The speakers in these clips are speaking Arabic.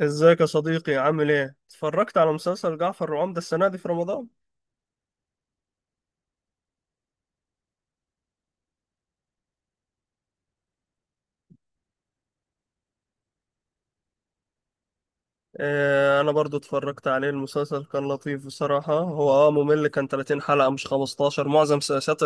ازيك يا صديقي؟ عامل ايه؟ اتفرجت على مسلسل جعفر العمدة السنة دي في رمضان؟ اه، انا برضو اتفرجت عليه. المسلسل كان لطيف بصراحة، هو ممل، كان 30 حلقة مش 15. معظم سياسات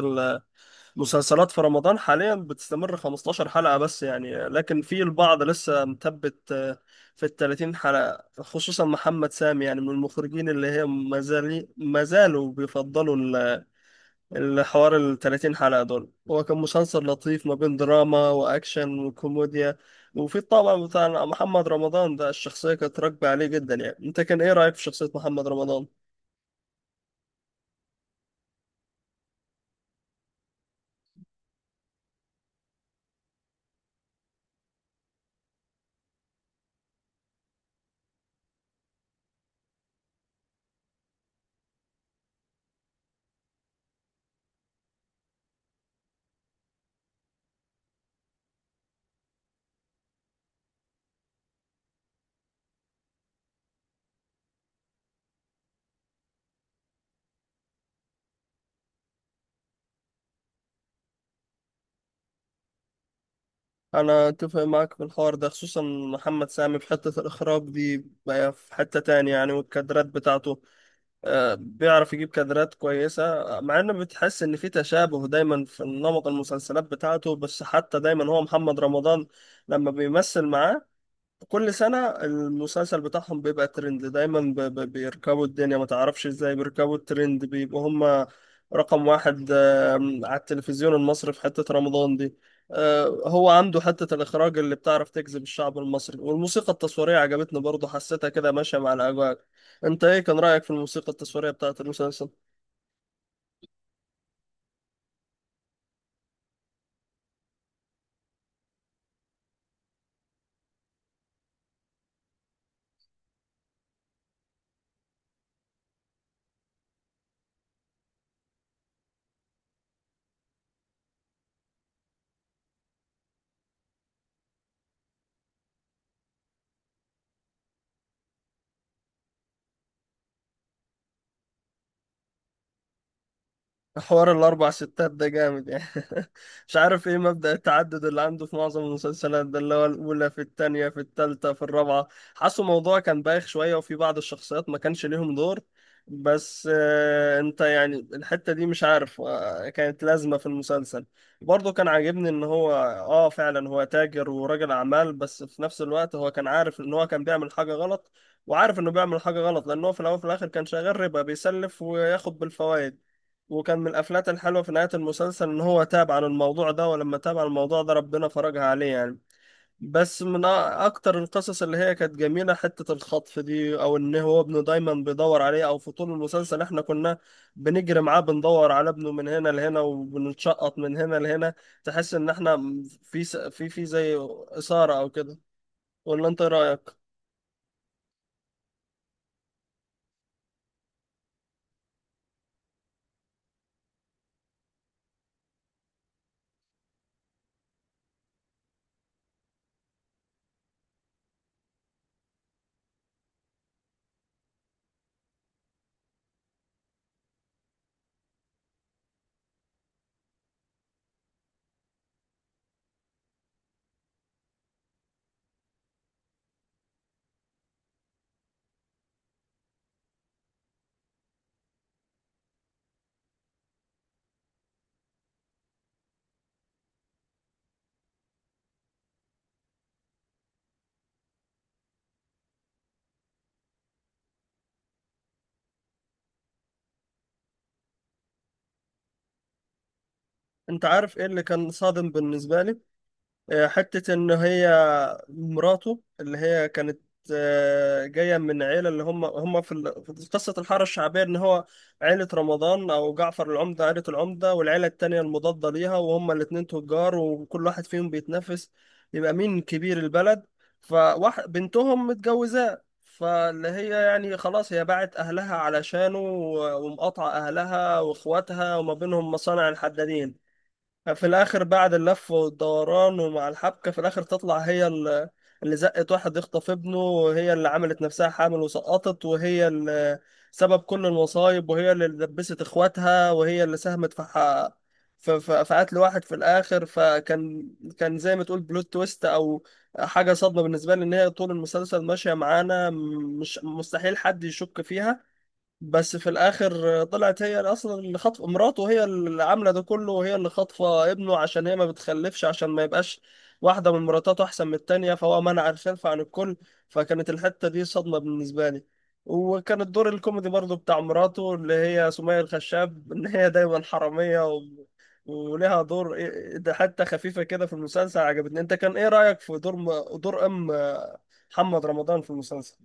المسلسلات في رمضان حاليا بتستمر 15 حلقة بس يعني، لكن في البعض لسه مثبت في ال 30 حلقة، خصوصا محمد سامي يعني، من المخرجين اللي هي ما زالوا بيفضلوا الحوار ال 30 حلقة دول. هو كان مسلسل لطيف ما بين دراما وأكشن وكوميديا، وفي الطابع بتاع محمد رمضان ده الشخصية كانت راكبة عليه جدا يعني. أنت كان إيه رأيك في شخصية محمد رمضان؟ أنا أتفق معاك في الحوار ده، خصوصا محمد سامي في حتة الإخراج دي. بقى في حتة تانية يعني، والكادرات بتاعته بيعرف يجيب كادرات كويسة، مع إن بتحس إن في تشابه دايما في نمط المسلسلات بتاعته، بس حتى دايما هو محمد رمضان لما بيمثل معاه كل سنة المسلسل بتاعهم بيبقى ترند دايما، بيركبوا الدنيا ما تعرفش ازاي، بيركبوا الترند، بيبقوا هما رقم واحد على التلفزيون المصري في حتة رمضان دي. هو عنده حتة الإخراج اللي بتعرف تجذب الشعب المصري، والموسيقى التصويرية عجبتني برضه، حسيتها كده ماشية مع الأجواء. انت ايه كان رأيك في الموسيقى التصويرية بتاعة المسلسل؟ حوار الأربع ستات ده جامد يعني. مش عارف إيه مبدأ التعدد اللي عنده في معظم المسلسلات ده، اللي هو الأولى في التانية في التالتة في الرابعة. حاسه موضوع كان بايخ شوية، وفي بعض الشخصيات ما كانش ليهم دور، بس آه، أنت يعني الحتة دي مش عارف، كانت لازمة في المسلسل. برضه كان عاجبني إن هو، فعلا هو تاجر وراجل أعمال، بس في نفس الوقت هو كان عارف إن هو كان بيعمل حاجة غلط، وعارف إنه بيعمل حاجة غلط، لأن هو في الأول وفي الآخر كان شغال ربا، بيسلف وياخد بالفوائد. وكان من الافلات الحلوه في نهايه المسلسل ان هو تاب عن الموضوع ده، ولما تاب عن الموضوع ده ربنا فرجها عليه يعني. بس من اكتر القصص اللي هي كانت جميله حته الخطف دي، او ان هو ابنه دايما بيدور عليه، او في طول المسلسل احنا كنا بنجري معاه، بندور على ابنه من هنا لهنا، وبنتشقط من هنا لهنا. تحس ان احنا في في زي اثاره او كده، ولا انت إيه رايك؟ انت عارف ايه اللي كان صادم بالنسبه لي؟ حتة إن هي مراته اللي هي كانت، جاية من عيلة، اللي هم في في قصة الحارة الشعبية، إن هو عيلة رمضان أو جعفر العمدة، عيلة العمدة والعيلة التانية المضادة ليها، وهم الاتنين تجار وكل واحد فيهم بيتنافس يبقى مين كبير البلد. فواحد بنتهم متجوزاه، فاللي هي يعني خلاص هي باعت أهلها علشانه، ومقاطعة أهلها وإخواتها، وما بينهم مصانع الحدادين. في الاخر بعد اللف والدوران ومع الحبكه، في الاخر تطلع هي اللي زقت واحد يخطف ابنه، وهي اللي عملت نفسها حامل وسقطت، وهي اللي سبب كل المصايب، وهي اللي دبست اخواتها، وهي اللي ساهمت في في في قتل واحد في الاخر. فكان زي ما تقول بلوت تويست او حاجه صدمه بالنسبه لي، ان هي طول المسلسل ماشيه معانا، مش مستحيل حد يشك فيها. بس في الاخر طلعت هي اللي اصلا اللي خاطفه مراته، هي اللي عامله ده كله، وهي اللي خاطفه ابنه عشان هي ما بتخلفش، عشان ما يبقاش واحده من مراتاته احسن من التانيه، فهو منع الخلف عن الكل. فكانت الحته دي صدمه بالنسبه لي. وكان الدور الكوميدي برضو بتاع مراته اللي هي سمية الخشاب ان هي دايما حراميه ولها دور إيه- إيه، ده حتى خفيفه كده في المسلسل عجبتني. انت كان ايه رايك في دور دور ام محمد رمضان في المسلسل؟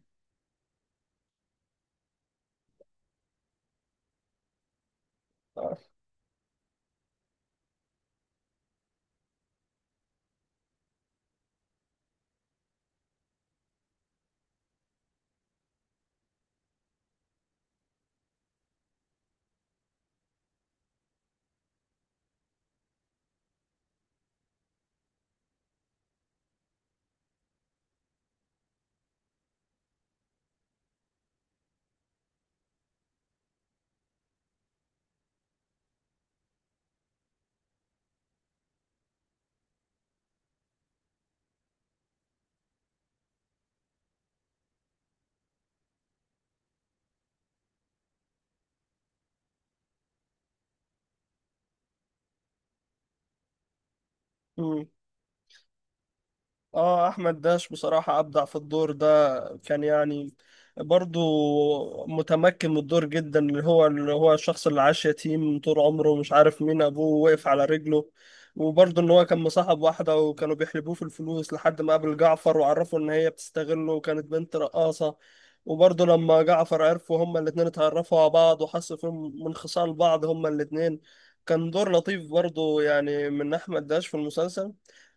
اه، احمد داش بصراحة ابدع في الدور ده، كان يعني برضو متمكن من الدور جدا، اللي هو الشخص اللي عاش يتيم طول عمره مش عارف مين ابوه، وقف على رجله. وبرضو ان هو كان مصاحب واحدة وكانوا بيحلبوه في الفلوس، لحد ما قابل جعفر وعرفوا ان هي بتستغله، وكانت بنت رقاصة. وبرضو لما جعفر عرفوا هما الاتنين، اتعرفوا على بعض وحسوا فيهم من خصال بعض هما الاتنين. كان دور لطيف برضو يعني من احمد داش في المسلسل.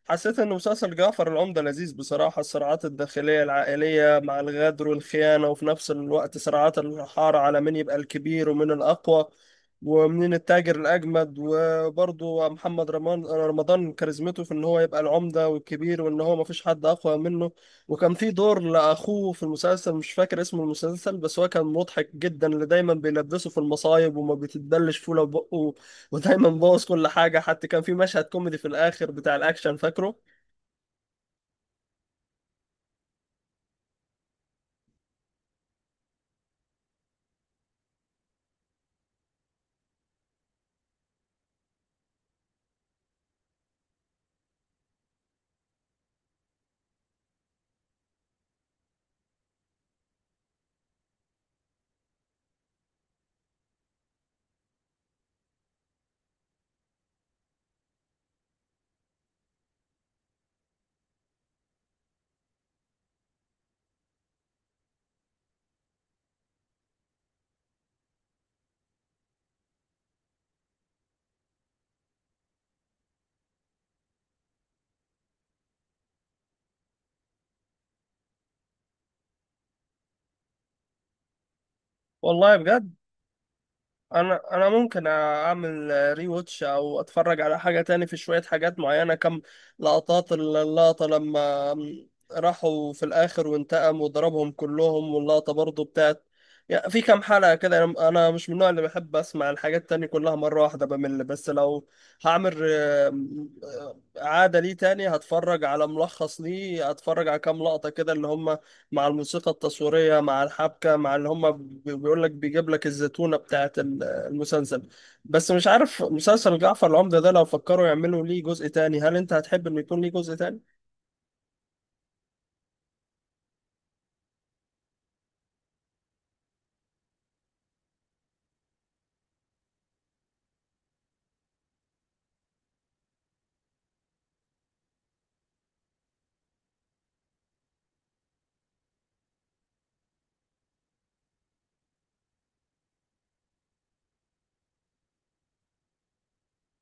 حسيت إن مسلسل جعفر العمدة لذيذ بصراحة، الصراعات الداخلية العائلية مع الغدر والخيانة، وفي نفس الوقت صراعات الحارة على مين يبقى الكبير ومين الأقوى ومين التاجر الأجمد. وبرضه محمد رمضان كاريزمته في إن هو يبقى العمدة والكبير، وإن هو مفيش حد أقوى منه. وكان في دور لأخوه في المسلسل مش فاكر اسم المسلسل، بس هو كان مضحك جدا، اللي دايما بيلبسه في المصايب وما بيتبلش فيه لو بقه، ودايما بوظ كل حاجه، حتى كان في مشهد كوميدي في الاخر بتاع الاكشن فاكره. والله بجد. انا ممكن اعمل ري واتش او اتفرج على حاجه تاني في شويه حاجات معينه، كم لقطات، اللقطه لما راحوا في الاخر وانتقم وضربهم كلهم، واللقطه برضو بتاعت يعني في كم حلقه كده. انا مش من النوع اللي بحب اسمع الحاجات التانية كلها مره واحده، بمل. بس لو هعمل عاده ليه تاني هتفرج على ملخص ليه، هتفرج على كام لقطه كده، اللي هم مع الموسيقى التصويريه مع الحبكه، مع اللي هم بيقول لك، بيجيب لك الزتونه بتاعت المسلسل. بس مش عارف، مسلسل جعفر العمدة ده لو فكروا يعملوا ليه جزء تاني، هل انت هتحب انه يكون ليه جزء تاني؟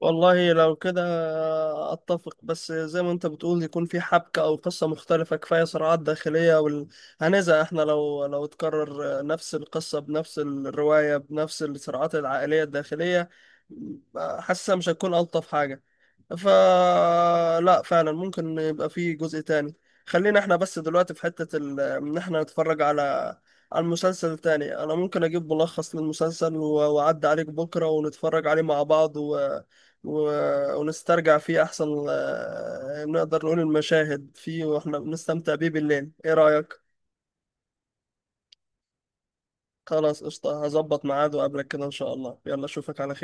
والله لو كده اتفق، بس زي ما انت بتقول يكون في حبكة او قصة مختلفة. كفاية صراعات داخلية هنزهق احنا لو تكرر نفس القصة بنفس الرواية بنفس الصراعات العائلية الداخلية، حاسة مش هتكون ألطف حاجة. فلا فعلا ممكن يبقى فيه جزء تاني. خلينا احنا بس دلوقتي في حتة ان احنا نتفرج على المسلسل التاني. انا ممكن اجيب ملخص للمسلسل واعدي عليك بكرة ونتفرج عليه مع بعض و... ونسترجع فيه احسن، نقدر نقول المشاهد فيه واحنا بنستمتع بيه بالليل، ايه رأيك؟ خلاص قشطة، هظبط ميعاد وقابلك كده ان شاء الله، يلا اشوفك على